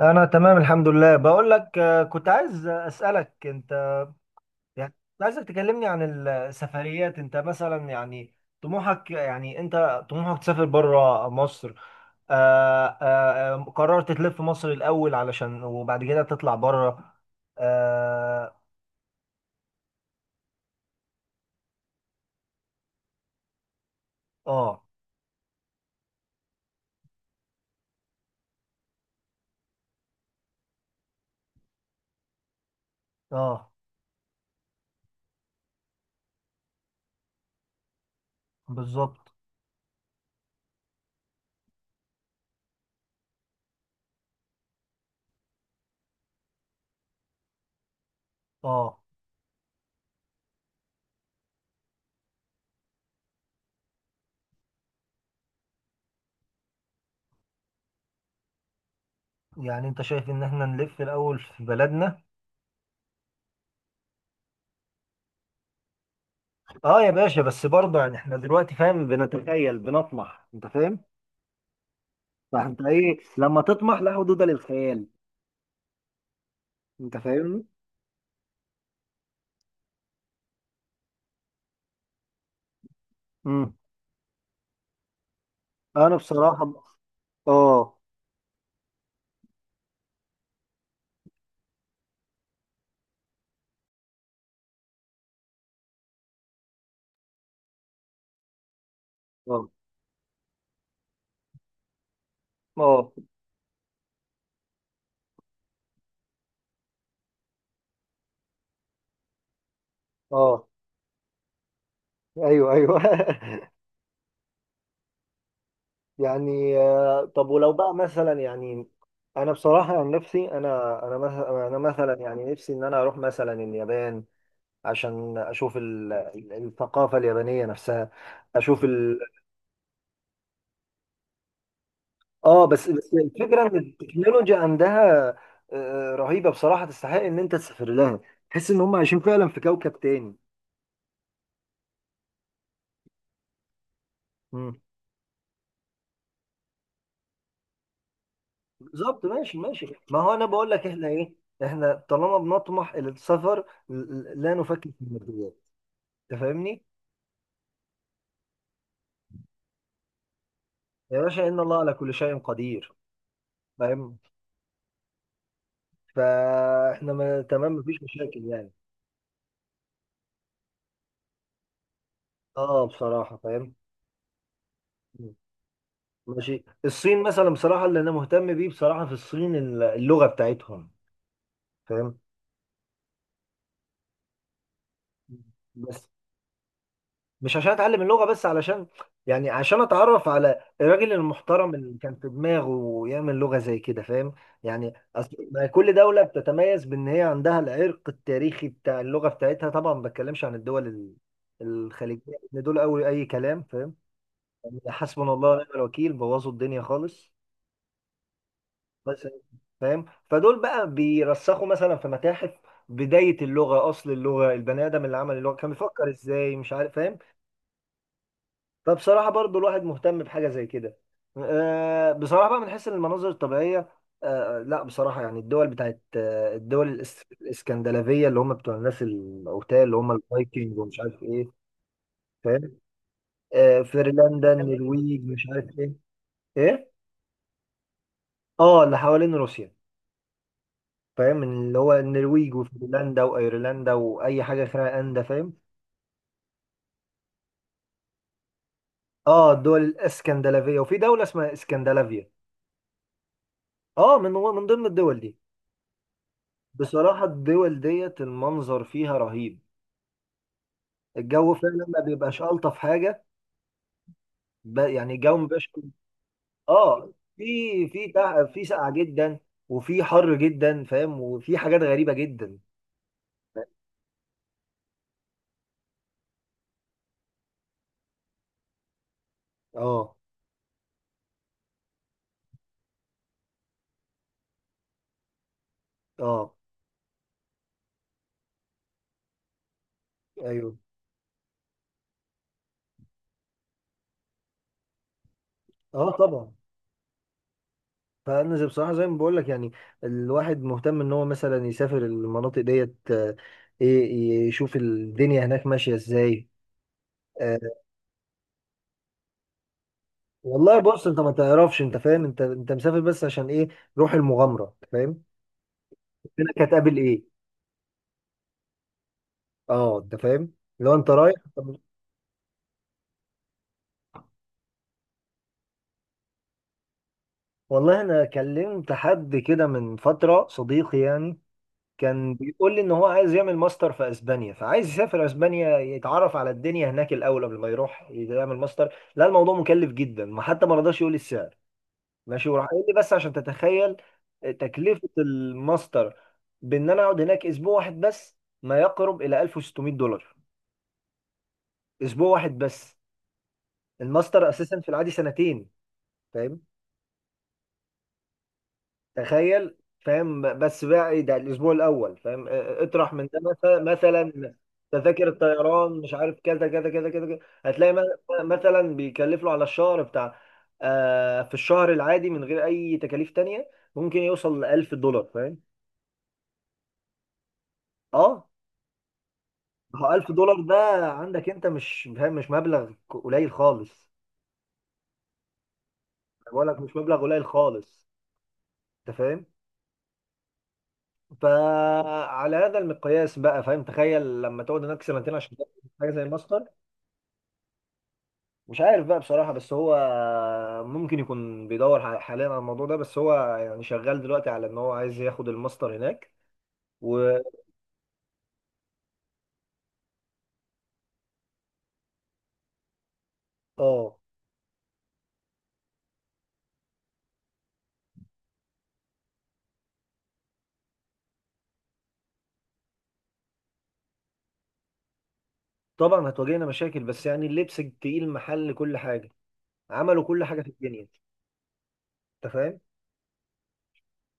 انا تمام الحمد لله بقول لك كنت عايز اسالك انت. كنت عايزك تكلمني عن السفريات، انت مثلا يعني طموحك، يعني انت طموحك تسافر بره مصر. قررت تلف مصر الاول علشان وبعد كده تطلع بره. اه اه آه، بالظبط. اه، يعني انت شايف ان احنا نلف الاول في بلدنا. اه يا باشا، بس برضه يعني احنا دلوقتي فاهم، بنتخيل بنطمح، انت فاهم. فانت ايه لما تطمح، لا حدود للخيال. انت فاهمني. امم انا بصراحه. اه اه اه اه ايوه ايوه طب ولو بقى مثلا انا بصراحه عن نفسي انا مثلا انا مثلا يعني نفسي ان انا اروح مثلا اليابان، عشان اشوف الثقافه اليابانيه نفسها، اشوف اه. بس الفكره ان التكنولوجيا عندها رهيبه بصراحه، تستحق ان انت تسافر لها. تحس ان هم عايشين فعلا في كوكب تاني. مم. بالظبط، ماشي ماشي. ما هو انا بقول لك احنا ايه، احنا طالما بنطمح الى السفر لا نفكر في الماديات. انت فاهمني. يا باشا ان الله على كل شيء قدير. فاهم. فاحنا ما تمام، مفيش مشاكل يعني. اه بصراحه، فاهم. مم. ماشي. الصين مثلا بصراحه، اللي انا مهتم بيه بصراحه في الصين اللغه بتاعتهم. فاهم. بس مش عشان اتعلم اللغه بس، علشان يعني عشان اتعرف على الراجل المحترم اللي كان في دماغه ويعمل لغه زي كده. فاهم. يعني أصل ما كل دوله بتتميز بان هي عندها العرق التاريخي بتاع اللغه بتاعتها، طبعا ما بتكلمش عن الدول الخليجيه ان دول اول اي كلام. فاهم. يعني حسبنا الله ونعم الوكيل، بوظوا الدنيا خالص. بس فاهم. فدول بقى بيرسخوا مثلا في متاحف، بدايه اللغه، اصل اللغه البني ادم اللي عمل اللغه كان بيفكر ازاي، مش عارف. فاهم. فبصراحة برضو الواحد مهتم بحاجة زي كده. بصراحة بقى من حيث المناظر الطبيعية. لا بصراحة، يعني الدول بتاعت الدول الاسكندنافية، اللي هم بتوع الناس الأوتال، اللي هم الفايكنج ومش عارف ايه. فاهم. فنلندا، النرويج، مش عارف ايه. ايه. اه اللي حوالين روسيا. فاهم. اللي هو النرويج وفنلندا وايرلندا واي حاجة فيها اندا. فاهم. اه الدول الاسكندنافية وفي دولة اسمها اسكندنافيا. اه من ضمن الدول دي. بصراحة الدول ديت المنظر فيها رهيب، الجو فعلا ما بيبقاش ألطف حاجة. يعني الجو ما بيبقاش. اه. في سقعة جدا، وفي حر جدا، فاهم، وفي حاجات غريبة جدا. اه اه ايوه. اه طبعا. فانا بصراحه زي ما بقول لك يعني، الواحد مهتم ان هو مثلا يسافر المناطق ديت. يشوف الدنيا هناك ماشيه ازاي. آه، والله بص انت ما تعرفش، انت فاهم، انت مسافر بس عشان ايه؟ روح المغامره. فاهم. هناك هتقابل ايه. اه انت فاهم. لو انت رايح طب. والله انا كلمت حد كده من فتره، صديقي يعني، كان بيقول لي ان هو عايز يعمل ماستر في اسبانيا، فعايز يسافر اسبانيا يتعرف على الدنيا هناك الاول قبل ما يروح يعمل ماستر. لا الموضوع مكلف جدا ما حتى ما رضاش يقول لي السعر. ماشي. وراح قال لي بس عشان تتخيل تكلفه الماستر، بان انا اقعد هناك اسبوع واحد بس، ما يقرب الى 1600 دولار. اسبوع واحد بس. الماستر اساسا في العادي سنتين. فاهمني؟ تخيل. فاهم. بس بقى ايه ده، الاسبوع الاول. فاهم اطرح من ده مثلا تذاكر الطيران، مش عارف كذا كذا كذا كذا كذا. هتلاقي مثلا بيكلف له على الشهر بتاع، آه في الشهر العادي من غير اي تكاليف تانية ممكن يوصل ل 1000 دولار. فاهم. اه ما هو 1000 دولار ده عندك، انت مش فاهم، مش مبلغ قليل خالص. أنا بقول لك مش مبلغ قليل خالص. انت فاهم. فعلى هذا المقياس بقى فاهم، تخيل لما تقعد هناك سنتين عشان تاخد حاجه زي الماستر. مش عارف بقى بصراحة، بس هو ممكن يكون بيدور حاليا على الموضوع ده، بس هو يعني شغال دلوقتي على ان هو عايز ياخد الماستر هناك و. اه طبعا هتواجهنا مشاكل، بس يعني اللبس التقيل محل كل حاجة، عملوا كل حاجة في الدنيا. انت فاهم.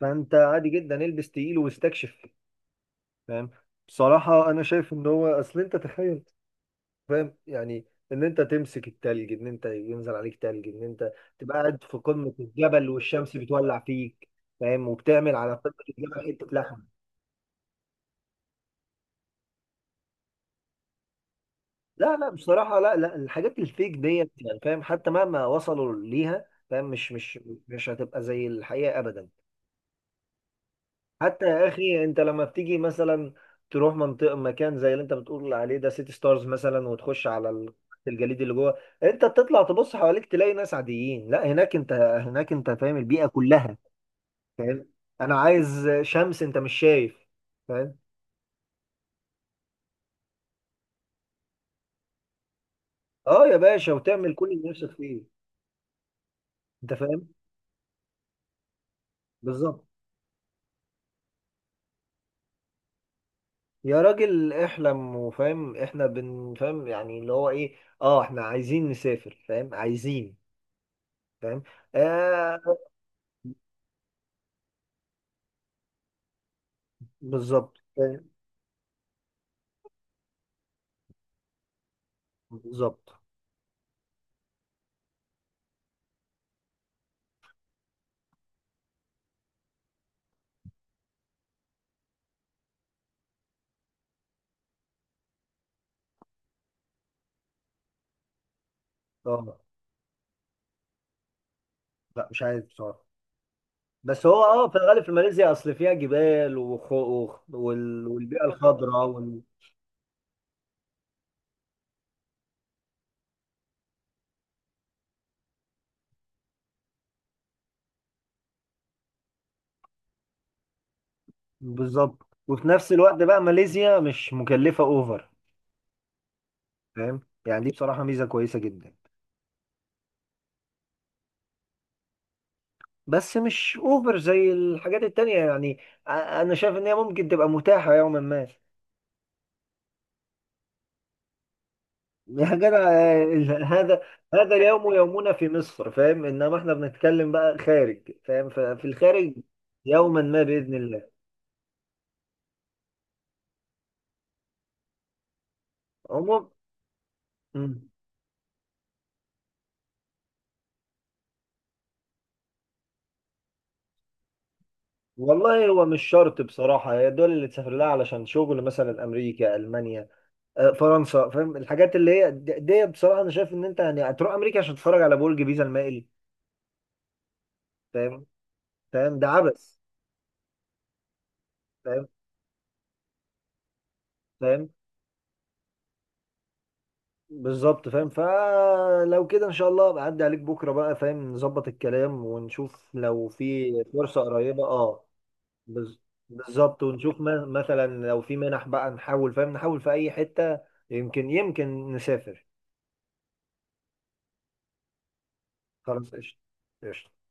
فانت عادي جدا البس تقيل واستكشف. فاهم. بصراحة انا شايف ان هو اصل انت تخيل، فاهم يعني، ان انت تمسك التلج، ان انت ينزل عليك تلج، ان انت تبقى قاعد في قمة الجبل والشمس بتولع فيك، فاهم، وبتعمل على قمة الجبل حتة لحم. لا لا بصراحة، لا لا، الحاجات الفيك ديت يعني فاهم، حتى مهما وصلوا ليها فاهم، مش هتبقى زي الحقيقة ابدا. حتى يا اخي انت لما بتيجي مثلا تروح منطقه مكان زي اللي انت بتقول عليه ده سيتي ستارز مثلا وتخش على الجليد اللي جوه، انت بتطلع تبص حواليك تلاقي ناس عاديين، لا هناك انت، هناك انت فاهم البيئه كلها. فاهم. انا عايز شمس، انت مش شايف. فاهم. اه يا باشا، وتعمل كل اللي نفسك فيه. انت فاهم. بالظبط. يا راجل احلم، وفاهم احنا بن فاهم يعني اللي هو ايه، اه احنا عايزين نسافر، فاهم، عايزين. فاهم. آه. بالظبط. بالظبط. اه. لا مش عارف بصراحه. بس هو اه في الغالب في ماليزيا اصل فيها جبال والبيئه الخضراء بالظبط. وفي نفس الوقت بقى ماليزيا مش مكلفه اوفر. فاهم. يعني دي بصراحه ميزه كويسه جدا. بس مش اوفر زي الحاجات التانية يعني. انا شايف ان هي ممكن تبقى متاحه يوما ما. يا جدع هذا اليوم يومنا في مصر فاهم، انما احنا بنتكلم بقى خارج، فاهم، ففي الخارج يوما ما باذن الله. عموما. مم. والله هو مش شرط بصراحة، هي الدول اللي تسافر لها علشان شغل مثلا أمريكا، ألمانيا، فرنسا، فاهم، الحاجات اللي هي دي بصراحة أنا شايف إن أنت يعني هتروح أمريكا عشان تتفرج على برج بيزا المائل. فاهم. فاهم ده عبث. فاهم. فاهم. بالظبط. فاهم. فلو كده إن شاء الله بعدي عليك بكرة بقى فاهم نظبط الكلام ونشوف لو في فرصة قريبة، أه. بز- بالظبط. ونشوف مثلا لو في منح بقى نحاول فاهم نحاول في أي حتة. يمكن يمكن نسافر. خلاص قشطة. قشطة.